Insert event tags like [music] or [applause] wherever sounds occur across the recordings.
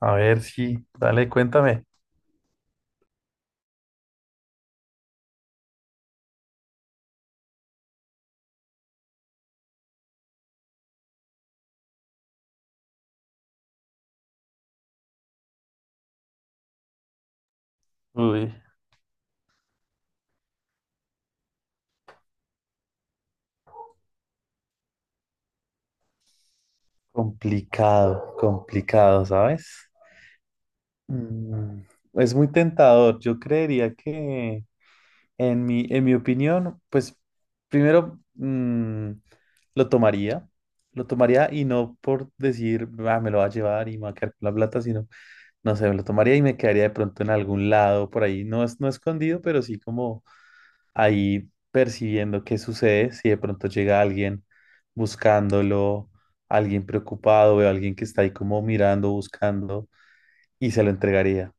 A ver si, dale, cuéntame. Uy, complicado, complicado, ¿sabes? Mm, es muy tentador. Yo creería que, en mi opinión, pues primero lo tomaría, lo tomaría y no por decir, "Ah, me lo va a llevar y me va a quedar con la plata, sino, no sé, me lo tomaría y me quedaría de pronto en algún lado por ahí, no es no escondido, pero sí como ahí percibiendo qué sucede, si de pronto llega alguien buscándolo, alguien preocupado, veo a alguien que está ahí como mirando, buscando, y se lo entregaría.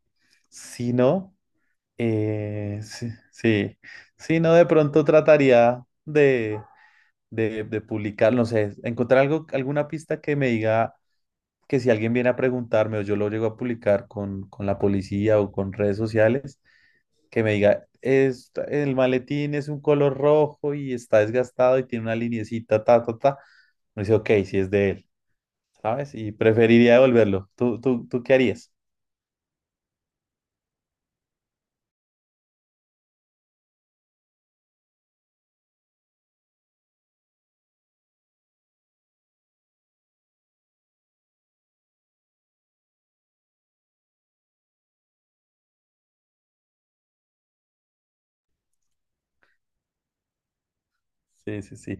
Si no, sí, sí. Si no, de pronto trataría de publicar, no sé, encontrar algo, alguna pista que me diga que si alguien viene a preguntarme o yo lo llego a publicar con la policía o con redes sociales, que me diga, es, el maletín es un color rojo y está desgastado y tiene una liniecita, ta, ta, ta. Me dice, ok, si es de él, ¿sabes? Y preferiría devolverlo. ¿Tú qué harías? Sí, sí, sí.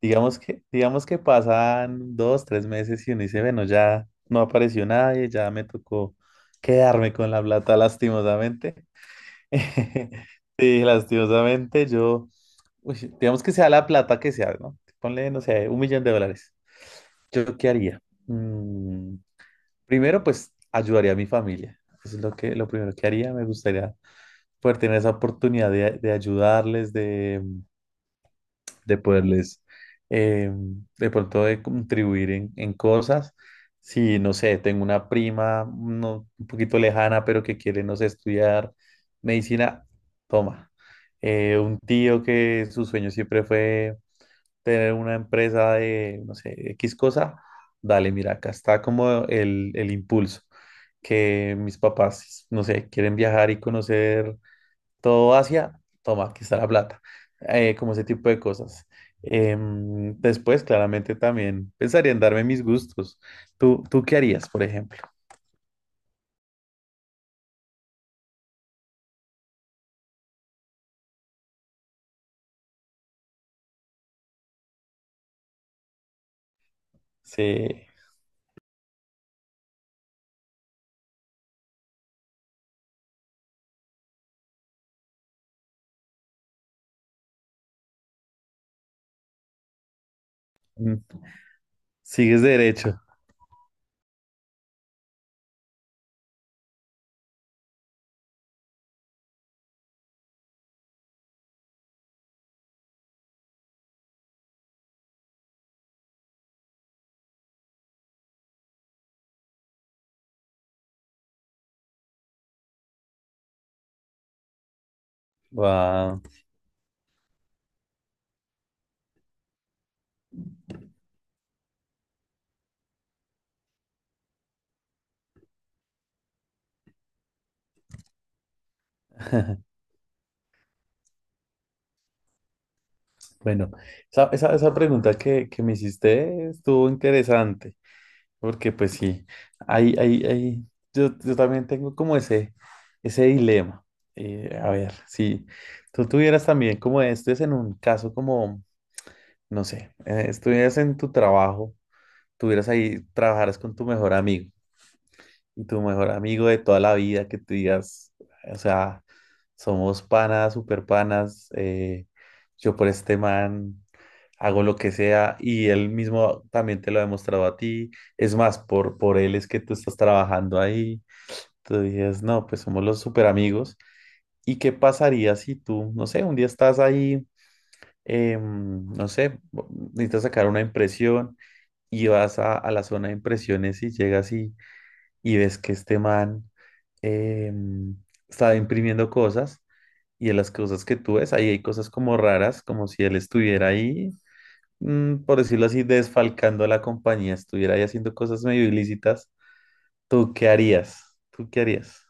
Digamos que pasan dos, tres meses y uno dice, bueno, ya no apareció nadie, ya me tocó quedarme con la plata, lastimosamente. [laughs] Sí, lastimosamente, yo, uy, digamos que sea la plata que sea, ¿no? Ponle, no sé, $1.000.000. ¿Yo qué haría? Mm, primero, pues ayudaría a mi familia. Eso es lo que, lo primero que haría. Me gustaría poder tener esa oportunidad de ayudarles, de poderles, eh, de pronto, de contribuir en cosas. Si, no sé, tengo una prima no, un poquito lejana, pero que quiere, no sé, estudiar medicina, toma. Un tío que su sueño siempre fue tener una empresa de, no sé, X cosa, dale, mira, acá está como el impulso que mis papás, no sé, quieren viajar y conocer todo Asia, toma, aquí está la plata. Como ese tipo de cosas. Después, claramente, también pensaría en darme mis gustos. ¿Tú qué harías, por ejemplo? Sí. mm, Sigues derecho. Wow. [laughs] Bueno, esa, esa pregunta que me hiciste estuvo interesante. Porque pues sí, hay, hay, hay, yo también tengo como ese dilema. A ver, si tú tuvieras también como esto es en un caso como, no sé, estuvieras en tu trabajo, tuvieras ahí, trabajaras con tu mejor amigo y tu mejor amigo de toda la vida que te digas, o sea, somos panas, super panas, yo por este man hago lo que sea y él mismo también te lo ha demostrado a ti. Es más, por él es que tú estás trabajando ahí. Tú dices, no, pues somos los super amigos. ¿Y qué pasaría si tú, no sé, un día estás ahí, no sé, necesitas sacar una impresión y vas a la zona de impresiones y llegas y ves que este man em, está imprimiendo cosas? Y de las cosas que tú ves, ahí hay cosas como raras, como si él estuviera ahí por decirlo así, desfalcando a la compañía, estuviera ahí haciendo cosas medio ilícitas, ¿tú qué harías? ¿Tú qué harías?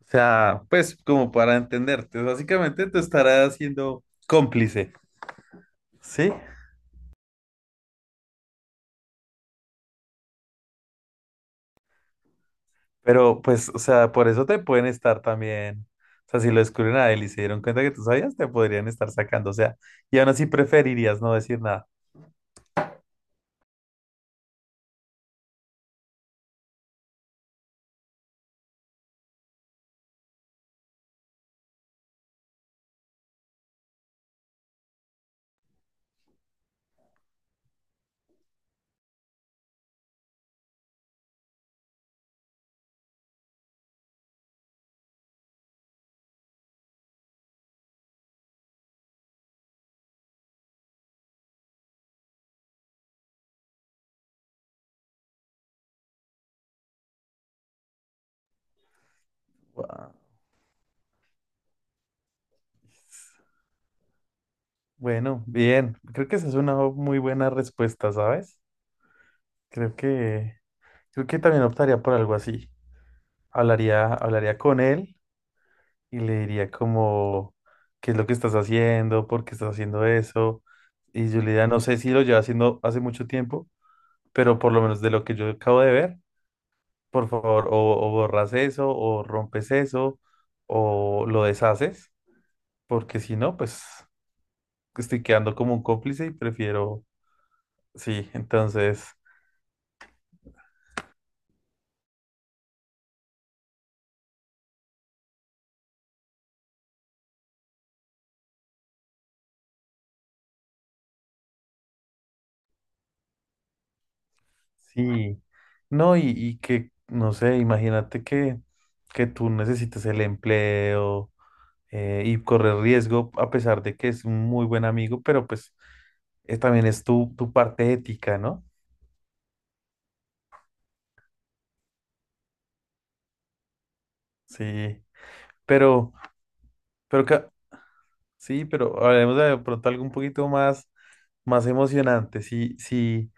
O sea, pues como para entenderte, básicamente te estarás siendo cómplice, ¿sí? Pero pues, o sea, por eso te pueden estar también, o sea, si lo descubren a él y se dieron cuenta que tú sabías, te podrían estar sacando, o sea, y aún así preferirías no decir nada. Guau. Bueno, bien. Creo que esa es una muy buena respuesta, ¿sabes? Creo que, creo que también optaría por algo así. Hablaría, hablaría con él y le diría como, ¿qué es lo que estás haciendo? ¿Por qué estás haciendo eso? Y yo le diría, no sé si lo lleva haciendo hace mucho tiempo, pero por lo menos de lo que yo acabo de ver, por favor, o borras eso, o rompes eso, o lo deshaces, porque si no, pues estoy quedando como un cómplice y prefiero, sí, entonces, sí, no, y que, no sé, imagínate que tú necesitas el empleo y correr riesgo, a pesar de que es un muy buen amigo, pero pues también es tu, tu parte ética, ¿no? Sí, pero, pero ca- sí, pero hablemos de pronto algo un poquito más, más emocionante. Si, si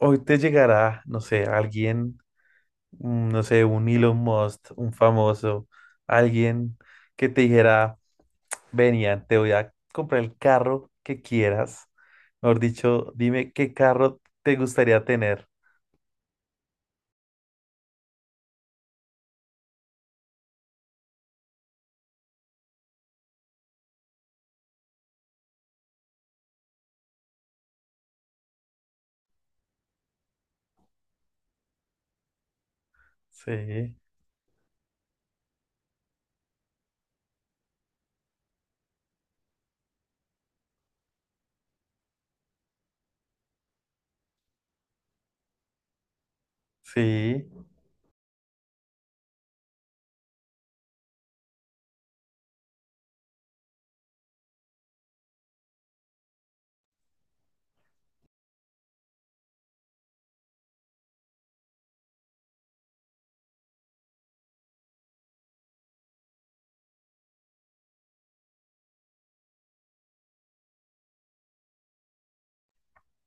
hoy te llegará, no sé, alguien, no sé, un Elon Musk, un famoso, alguien que te dijera, venía, te voy a comprar el carro que quieras. Mejor dicho, dime qué carro te gustaría tener. Sí, sí,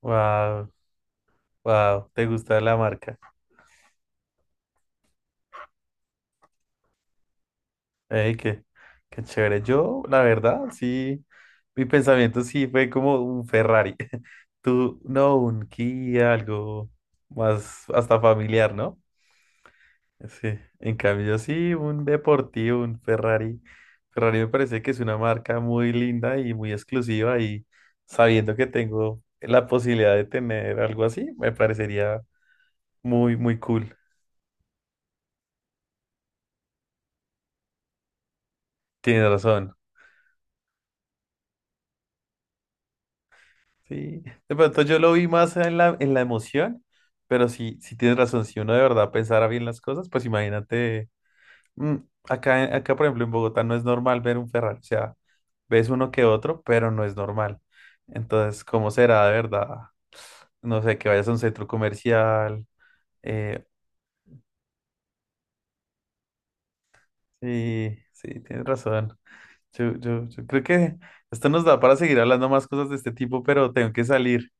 wow, wow, te gusta la marca. Ey, qué, qué chévere. Yo, la verdad, sí, mi pensamiento sí fue como un Ferrari. [laughs] Tú, no, un Kia, algo más hasta familiar, ¿no? Sí, en cambio yo sí, un deportivo, un Ferrari. Ferrari me parece que es una marca muy linda y muy exclusiva y sabiendo que tengo la posibilidad de tener algo así, me parecería muy, muy cool. Tienes razón. Sí, de pronto yo lo vi más en la emoción, pero sí, sí tienes razón, si uno de verdad pensara bien las cosas, pues imagínate, mm, acá, acá por ejemplo en Bogotá no es normal ver un Ferrari, o sea, ves uno que otro, pero no es normal. Entonces, ¿cómo será de verdad? No sé, que vayas a un centro comercial. eh, sí, sí, tienes razón. Yo creo que esto nos da para seguir hablando más cosas de este tipo, pero tengo que salir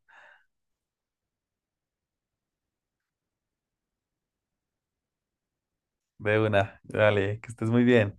de una. Dale, que estés muy bien.